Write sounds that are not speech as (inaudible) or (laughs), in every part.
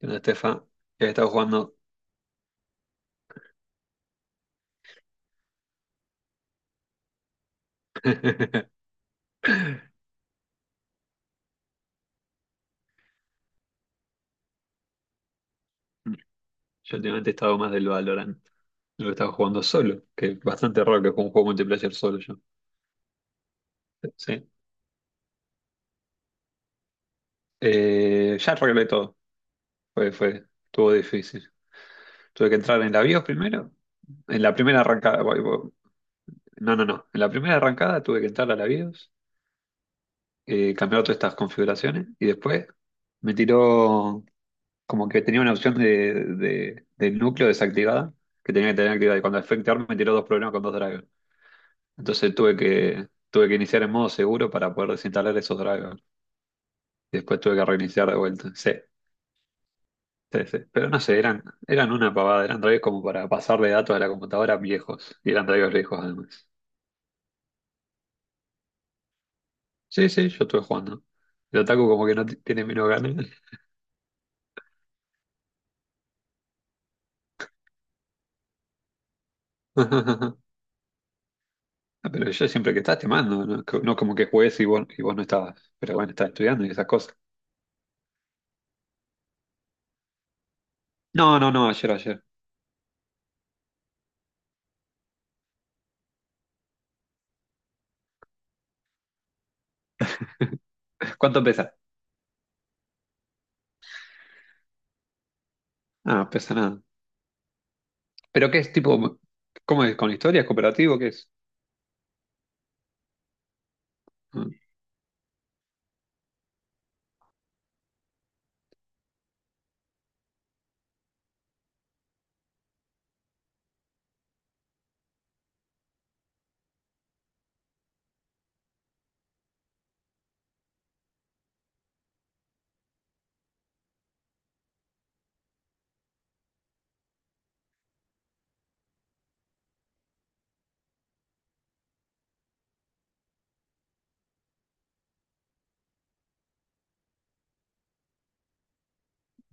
¿Qué onda, Estefa? ¿Qué has estado jugando? (laughs) Yo últimamente he estado más del Valorant. Lo he estado jugando solo, que es bastante raro que juegue un juego multiplayer solo yo. Sí. Ya arreglé todo. Fue, estuvo difícil. Tuve que entrar en la BIOS primero. En la primera arrancada. No, no, no. En la primera arrancada tuve que entrar a la BIOS, cambiar todas estas configuraciones y después me tiró. Como que tenía una opción del núcleo desactivada, que tenía que tener activada. Y cuando Effect Arm me tiró 2 problemas con 2 drivers. Entonces tuve que iniciar en modo seguro para poder desinstalar esos drivers. Y después tuve que reiniciar de vuelta. Sí, sí, sí. Pero no sé, eran una pavada. Eran drivers como para pasarle datos a la computadora viejos. Y eran drivers viejos además. Sí, sí, yo estuve jugando. El Otaku como que no t- tiene menos ganas. (laughs) Ah, pero yo siempre que estás te mando, no, no como que juegues y vos no estabas. Pero bueno, estás estudiando y esas cosas. No, no, no, ayer. (laughs) ¿Cuánto pesa? Ah, pesa nada. ¿Pero qué es tipo? ¿Cómo es? ¿Con historias? ¿Cooperativo? ¿Qué es?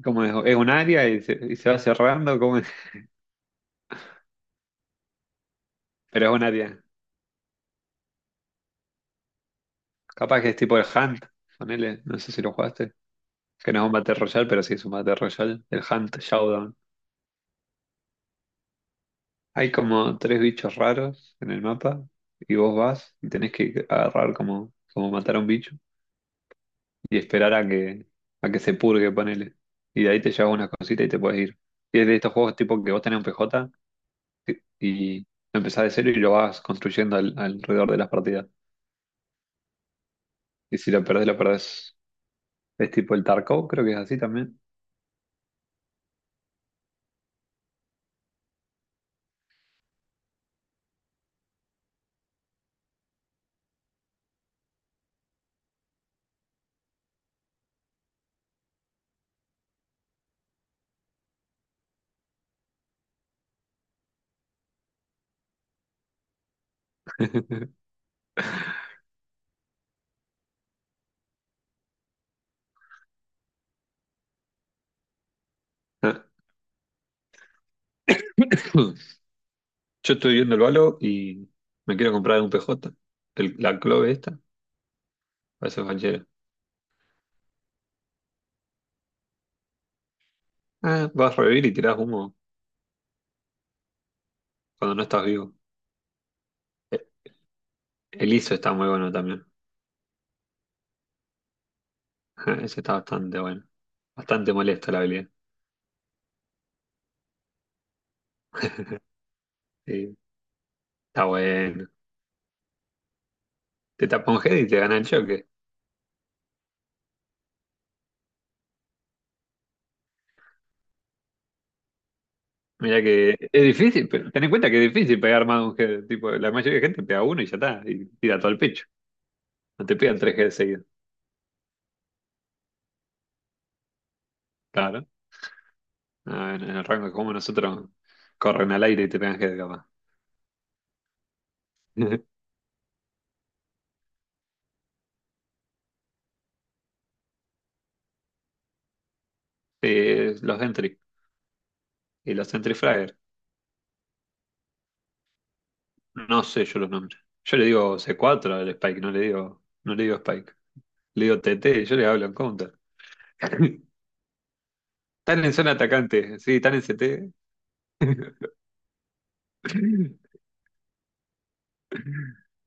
¿Cómo es? ¿Es un área y se va cerrando? ¿Cómo es? (laughs) Pero es un área. Capaz que es tipo el Hunt, ponele, no sé si lo jugaste. Que no es un Battle Royale, pero sí es un Battle Royale. El Hunt Showdown. Hay como 3 bichos raros en el mapa y vos vas y tenés que agarrar como matar a un bicho y esperar a que se purgue, ponele. Y de ahí te llevas una cosita y te puedes ir. Y es de estos juegos tipo que vos tenés un PJ y empezás de cero y lo vas construyendo alrededor de las partidas. Y si lo perdés, lo perdés. Es tipo el Tarkov, creo que es así también. (laughs) Ah, (clears throat) yo estoy viendo el balo y me quiero comprar un PJ. La clave esta parece banchera. Ah, vas a revivir y tirás humo cuando no estás vivo. E- El ISO está muy bueno también. (laughs) Ese está bastante bueno. Bastante molesta la habilidad. Eh, Está bueno. Te tapa un head y te gana el choque. Mira que es difícil, pero ten en cuenta que es difícil pegar más de un head. Tipo, la mayoría de gente pega uno y ya está, y tira todo el pecho. No te pegan 3 heads seguidos. Claro. Ah, en el rango como nosotros corren al aire y te pegan head capaz. (laughs) Los entry y los entry fragger. No sé yo los nombres. Yo le digo c cuatro al Spike, no le digo Spike. Le digo TT, yo le hablo en counter. (laughs) Están en zona atacante, sí, están en CT. (laughs)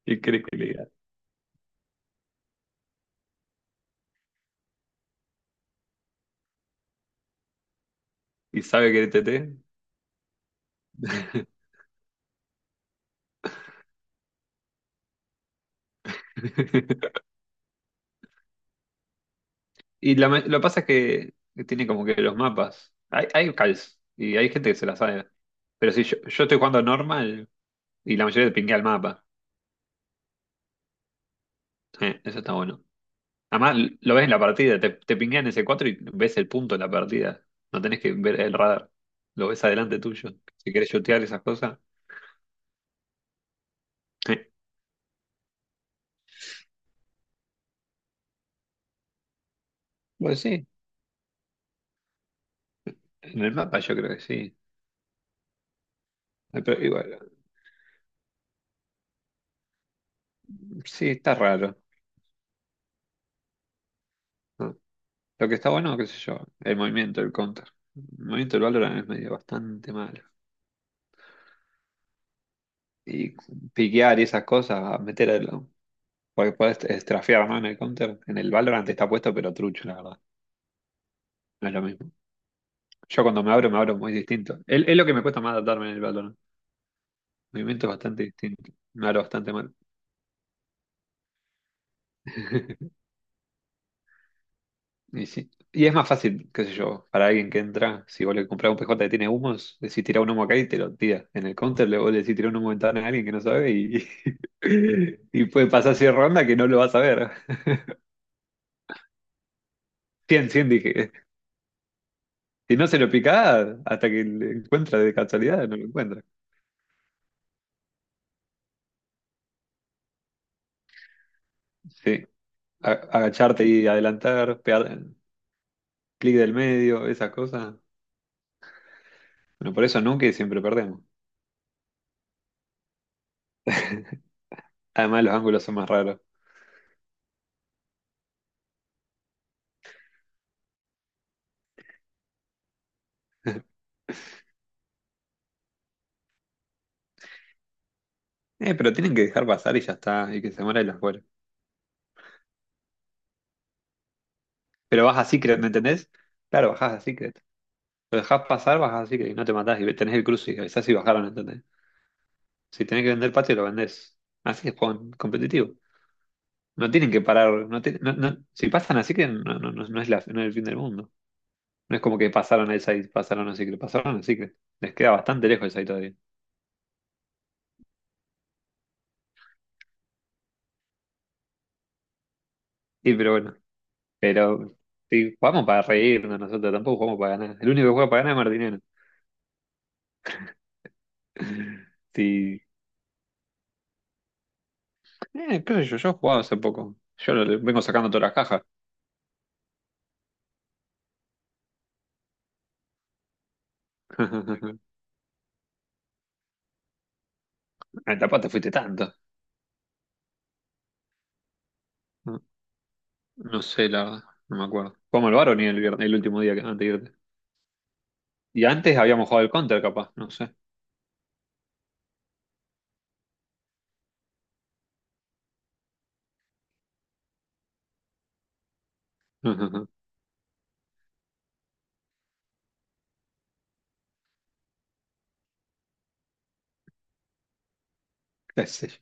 ¿Y crees que le y sabe que TT? (laughs) Y lo que pasa es que tiene como que los mapas. Hay calls y hay gente que se la sabe. Pero si yo, yo estoy jugando normal y la mayoría te pinguea el mapa. Eso está bueno. Además, lo ves en la partida, te pinguean ese 4 y ves el punto en la partida. No tenés que ver el radar. Lo ves adelante tuyo. Si querés shotear esas cosas. eh. Bueno, sí, en el mapa yo creo que sí. Pero igual, sí, está raro. No, lo que está bueno, qué sé yo, el movimiento, el counter. El movimiento del Valorant es medio bastante malo. Y piquear y esas cosas, meterlo. Porque podés estrafear, ¿no? En el counter. En el Valorant está puesto, pero trucho, la verdad. No es lo mismo. Yo cuando me abro muy distinto. Es lo que me cuesta más adaptarme en el Valorant. El movimiento es bastante distinto. Me abro bastante mal. (laughs) Y, sí. Y es más fácil, qué sé yo, para alguien que entra, si vos le comprás un PJ que tiene humos, decís tira un humo acá y te lo tira. En el counter le vos le decís tira un humo de ventana a alguien que no sabe y, (laughs) y puede pasar 100 rondas que no lo vas a ver. (laughs) 100, 100 dije. Si no se lo picás hasta que le encuentra de casualidad, no lo encuentra. Sí. A- Agacharte y adelantar, pegar clic del medio, esas cosas. Bueno, por eso nunca y siempre perdemos. Además los ángulos son más raros. Pero tienen que dejar pasar y ya está, y que se muera y las. Pero vas a Secret, ¿me entendés? Claro, bajás a Secret. Lo dejás pasar, bajás a Secret y no te matás y tenés el cruce y avisás si bajaron, ¿entendés? Si tenés que vender patio, lo vendés. Así es juego competitivo. No tienen que parar. Si pasan a Secret, no, no, no, no es no es el fin del mundo. No es como que pasaron a esa y pasaron a Secret. Pasaron a Secret. Les queda bastante lejos esa todavía. Sí, pero bueno. Pero sí, jugamos para reírnos nosotros, tampoco jugamos para ganar. El único que juega para ganar es Martineno. (laughs) Sí. Qué sé yo, yo he jugado hace poco. Le vengo sacando todas las cajas. (laughs) Ah, tampoco te fuiste tanto. No, no sé, la verdad, no me acuerdo. Jugamos al Baron y el último día, que, antes de irte. Y antes habíamos jugado al Counter, capaz, no sé. (laughs) ¿Qué sé yo?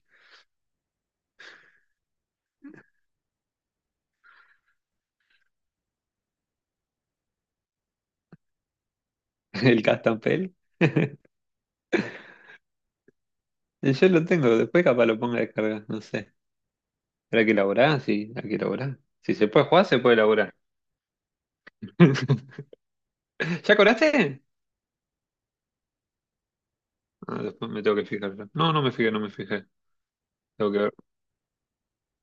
El Castampel. (laughs) Yo lo tengo, después capaz lo ponga a descargar, no sé. ¿Será que elaborás? Sí, hay que elaborar. Si se puede jugar, se puede elaborar. (laughs) ¿Ya cobraste? Ah, después me tengo que fijar. Yo. No, no me fijé, no me fijé. Tengo que ver.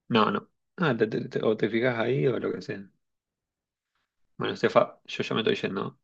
No, no. Ah, o te fijas ahí o lo que sea. Bueno, Estefa, yo ya me estoy yendo.